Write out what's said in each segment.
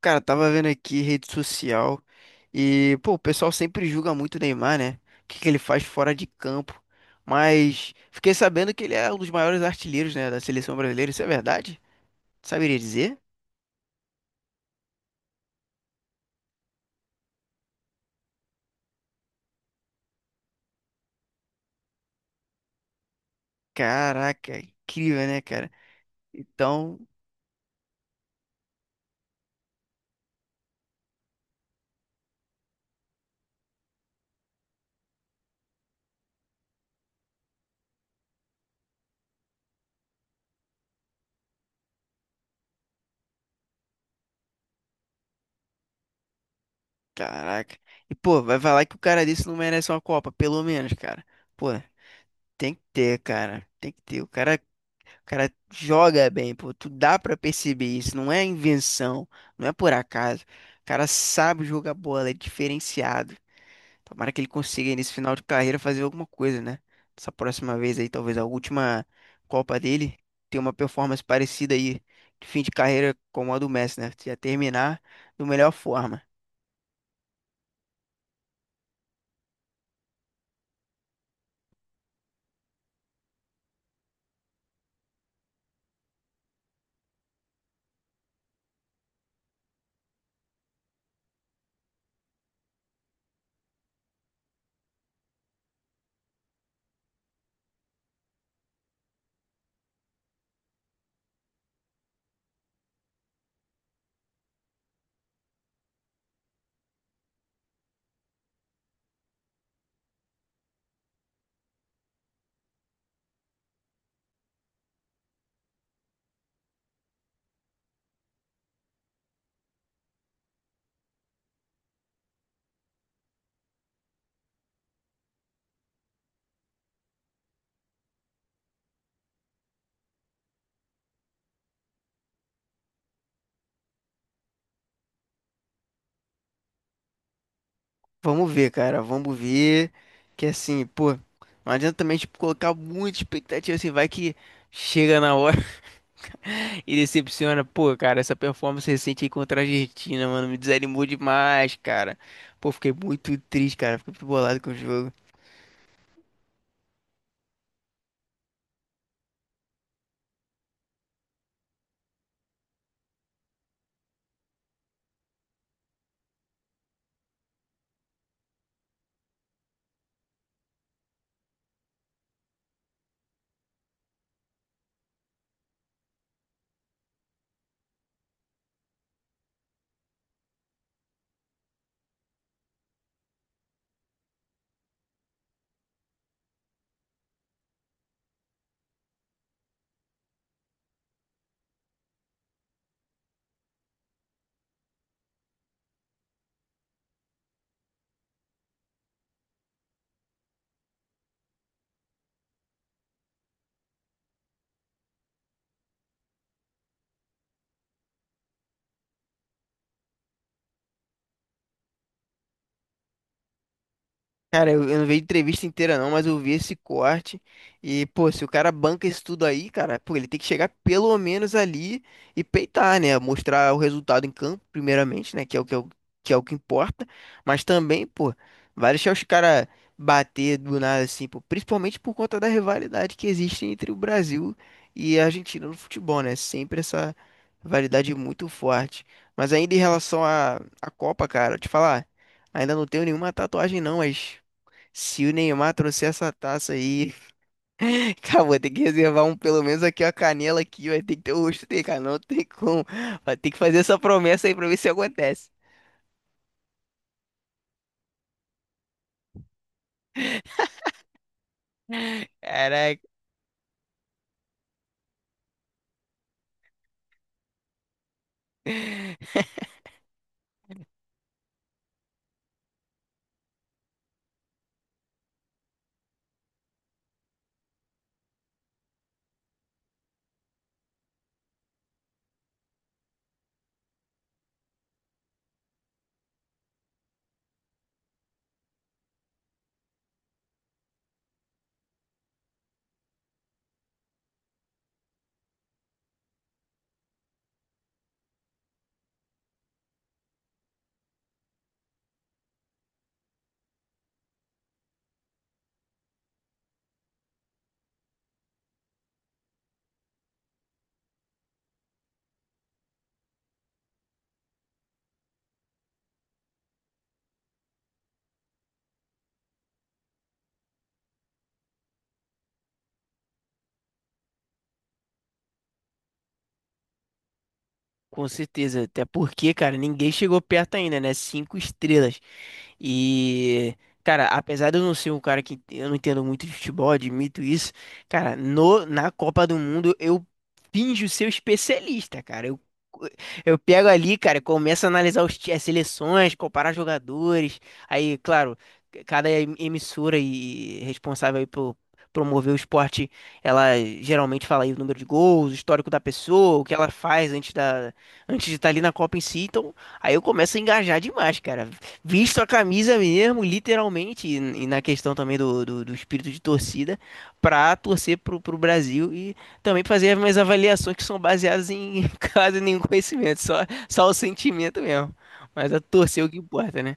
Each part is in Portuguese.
Cara, tava vendo aqui rede social e, pô, o pessoal sempre julga muito o Neymar, né? O que que ele faz fora de campo. Mas fiquei sabendo que ele é um dos maiores artilheiros, né, da seleção brasileira. Isso é verdade? Saberia dizer? Caraca, incrível, né, cara? Então, caraca. E, pô, vai falar que o cara desse não merece uma Copa, pelo menos, cara. Pô, tem que ter, cara. Tem que ter. O cara joga bem, pô. Tu dá pra perceber isso. Não é invenção, não é por acaso. O cara sabe jogar bola, é diferenciado. Tomara que ele consiga nesse final de carreira fazer alguma coisa, né? Essa próxima vez aí, talvez a última Copa dele, ter uma performance parecida aí de fim de carreira como a do Messi, né? Já terminar da melhor forma. Vamos ver, cara. Vamos ver. Que assim, pô, não adianta também, tipo, colocar muita expectativa assim, vai que chega na hora. E decepciona, pô, cara, essa performance recente aí contra a Argentina, mano, me desanimou demais, cara. Pô, fiquei muito triste, cara, fiquei muito bolado com o jogo. Cara, eu não vi a entrevista inteira não, mas eu vi esse corte. E, pô, se o cara banca isso tudo aí, cara, pô, ele tem que chegar pelo menos ali e peitar, né? Mostrar o resultado em campo, primeiramente, né? Que é o que importa. Mas também, pô, vai deixar os caras bater do nada, assim, pô, principalmente por conta da rivalidade que existe entre o Brasil e a Argentina no futebol, né? Sempre essa rivalidade muito forte. Mas ainda em relação à Copa, cara, eu te falar. Ainda não tenho nenhuma tatuagem, não, mas se o Neymar trouxer essa taça aí, cara, vou ter que reservar um, pelo menos aqui, a canela aqui, vai ter que ter o rosto dele, cara, não tem como. Vai ter que fazer essa promessa aí pra ver se acontece. Caraca. Com certeza, até porque, cara, ninguém chegou perto ainda, né? Cinco estrelas. E, cara, apesar de eu não ser um cara que eu não entendo muito de futebol, admito isso, cara, no, na Copa do Mundo eu finjo ser o especialista, cara. Eu pego ali, cara, começo a analisar as seleções, comparar jogadores. Aí, claro, cada emissora e responsável aí por promover o esporte, ela geralmente fala aí o número de gols, o histórico da pessoa, o que ela faz antes de estar ali na Copa em si. Então, aí eu começo a engajar demais, cara. Visto a camisa mesmo, literalmente, e, na questão também do espírito de torcida, pra torcer pro Brasil e também fazer as minhas avaliações que são baseadas em quase nenhum conhecimento, só, só o sentimento mesmo. Mas a torcer é o que importa, né?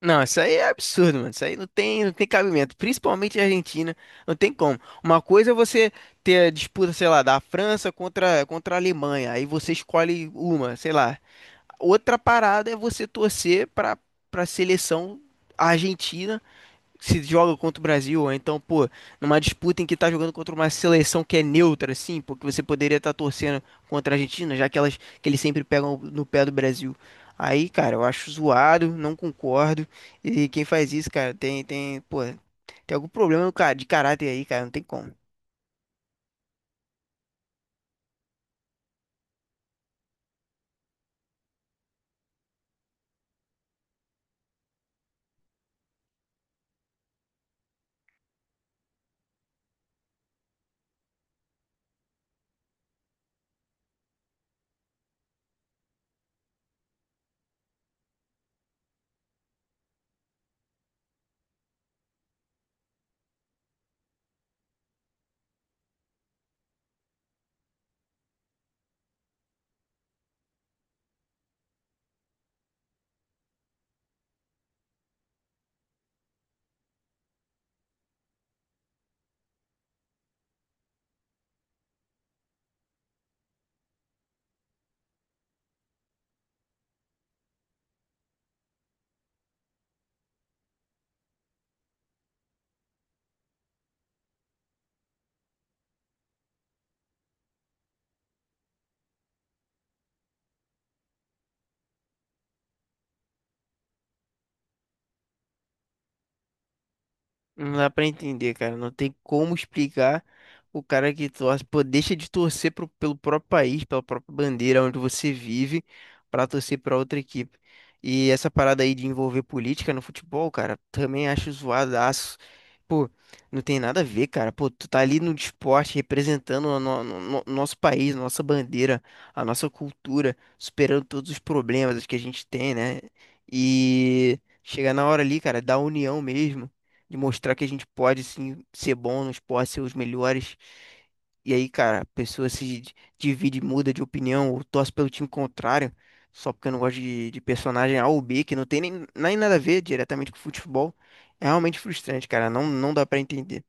Não, isso aí é absurdo, mano. Isso aí não tem cabimento. Principalmente a Argentina, não tem como. Uma coisa é você ter a disputa, sei lá, da França contra a Alemanha. Aí você escolhe uma, sei lá. Outra parada é você torcer pra para seleção argentina se joga contra o Brasil, ou então, pô, numa disputa em que tá jogando contra uma seleção que é neutra, assim, porque você poderia estar torcendo contra a Argentina, já que elas que eles sempre pegam no pé do Brasil. Aí, cara, eu acho zoado, não concordo. E quem faz isso, cara, pô, tem algum problema, cara, de caráter aí, cara, não tem como. Não dá pra entender, cara. Não tem como explicar o cara que torce, pô, deixa de torcer pelo próprio país, pela própria bandeira onde você vive, pra torcer pra outra equipe. E essa parada aí de envolver política no futebol, cara, também acho zoadaço. Pô, não tem nada a ver, cara. Pô, tu tá ali no esporte representando o no- no- no- nosso país, nossa bandeira, a nossa cultura, superando todos os problemas que a gente tem, né? E chega na hora ali, cara, da união mesmo de mostrar que a gente pode sim ser bom no esporte, ser os melhores. E aí, cara, a pessoa se di- divide, muda de opinião, ou torce pelo time contrário, só porque eu não gosto de personagem A ou B, que não tem nem nada a ver diretamente com futebol. É realmente frustrante, cara. Não, não dá pra entender.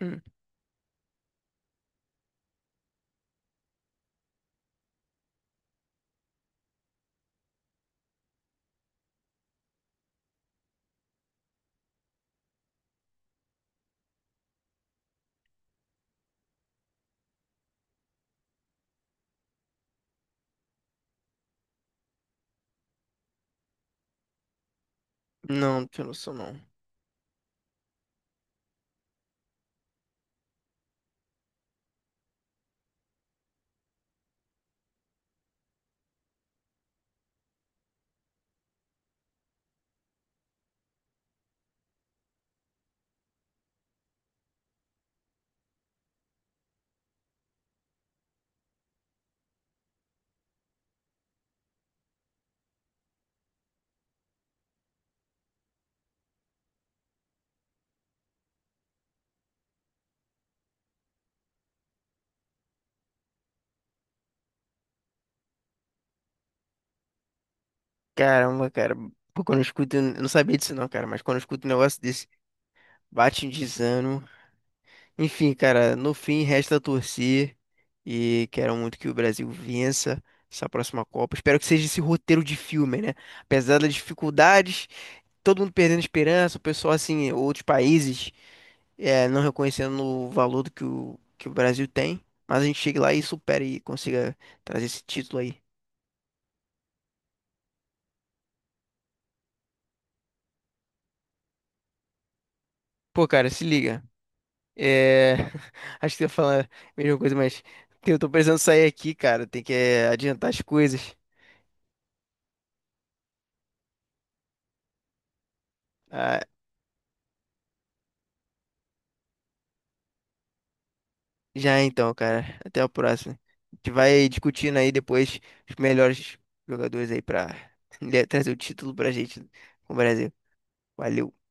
Hum. Não, não tinha noção, não. Caramba, cara. Pô, quando eu escuto, eu não sabia disso, não, cara, mas quando eu escuto um negócio desse, bate um desânimo. Enfim, cara, no fim resta torcer e quero muito que o Brasil vença essa próxima Copa. Espero que seja esse roteiro de filme, né? Apesar das dificuldades, todo mundo perdendo esperança, o pessoal assim, outros países não reconhecendo o valor do que o Brasil tem, mas a gente chega lá e supera e consiga trazer esse título aí. Pô, cara, se liga. É... Acho que eu ia falar a mesma coisa, mas eu tô precisando sair aqui, cara. Tem que adiantar as coisas. Ah, já então, cara. Até a próxima. A gente vai discutindo aí depois os melhores jogadores aí pra trazer o título pra gente com o Brasil. Valeu.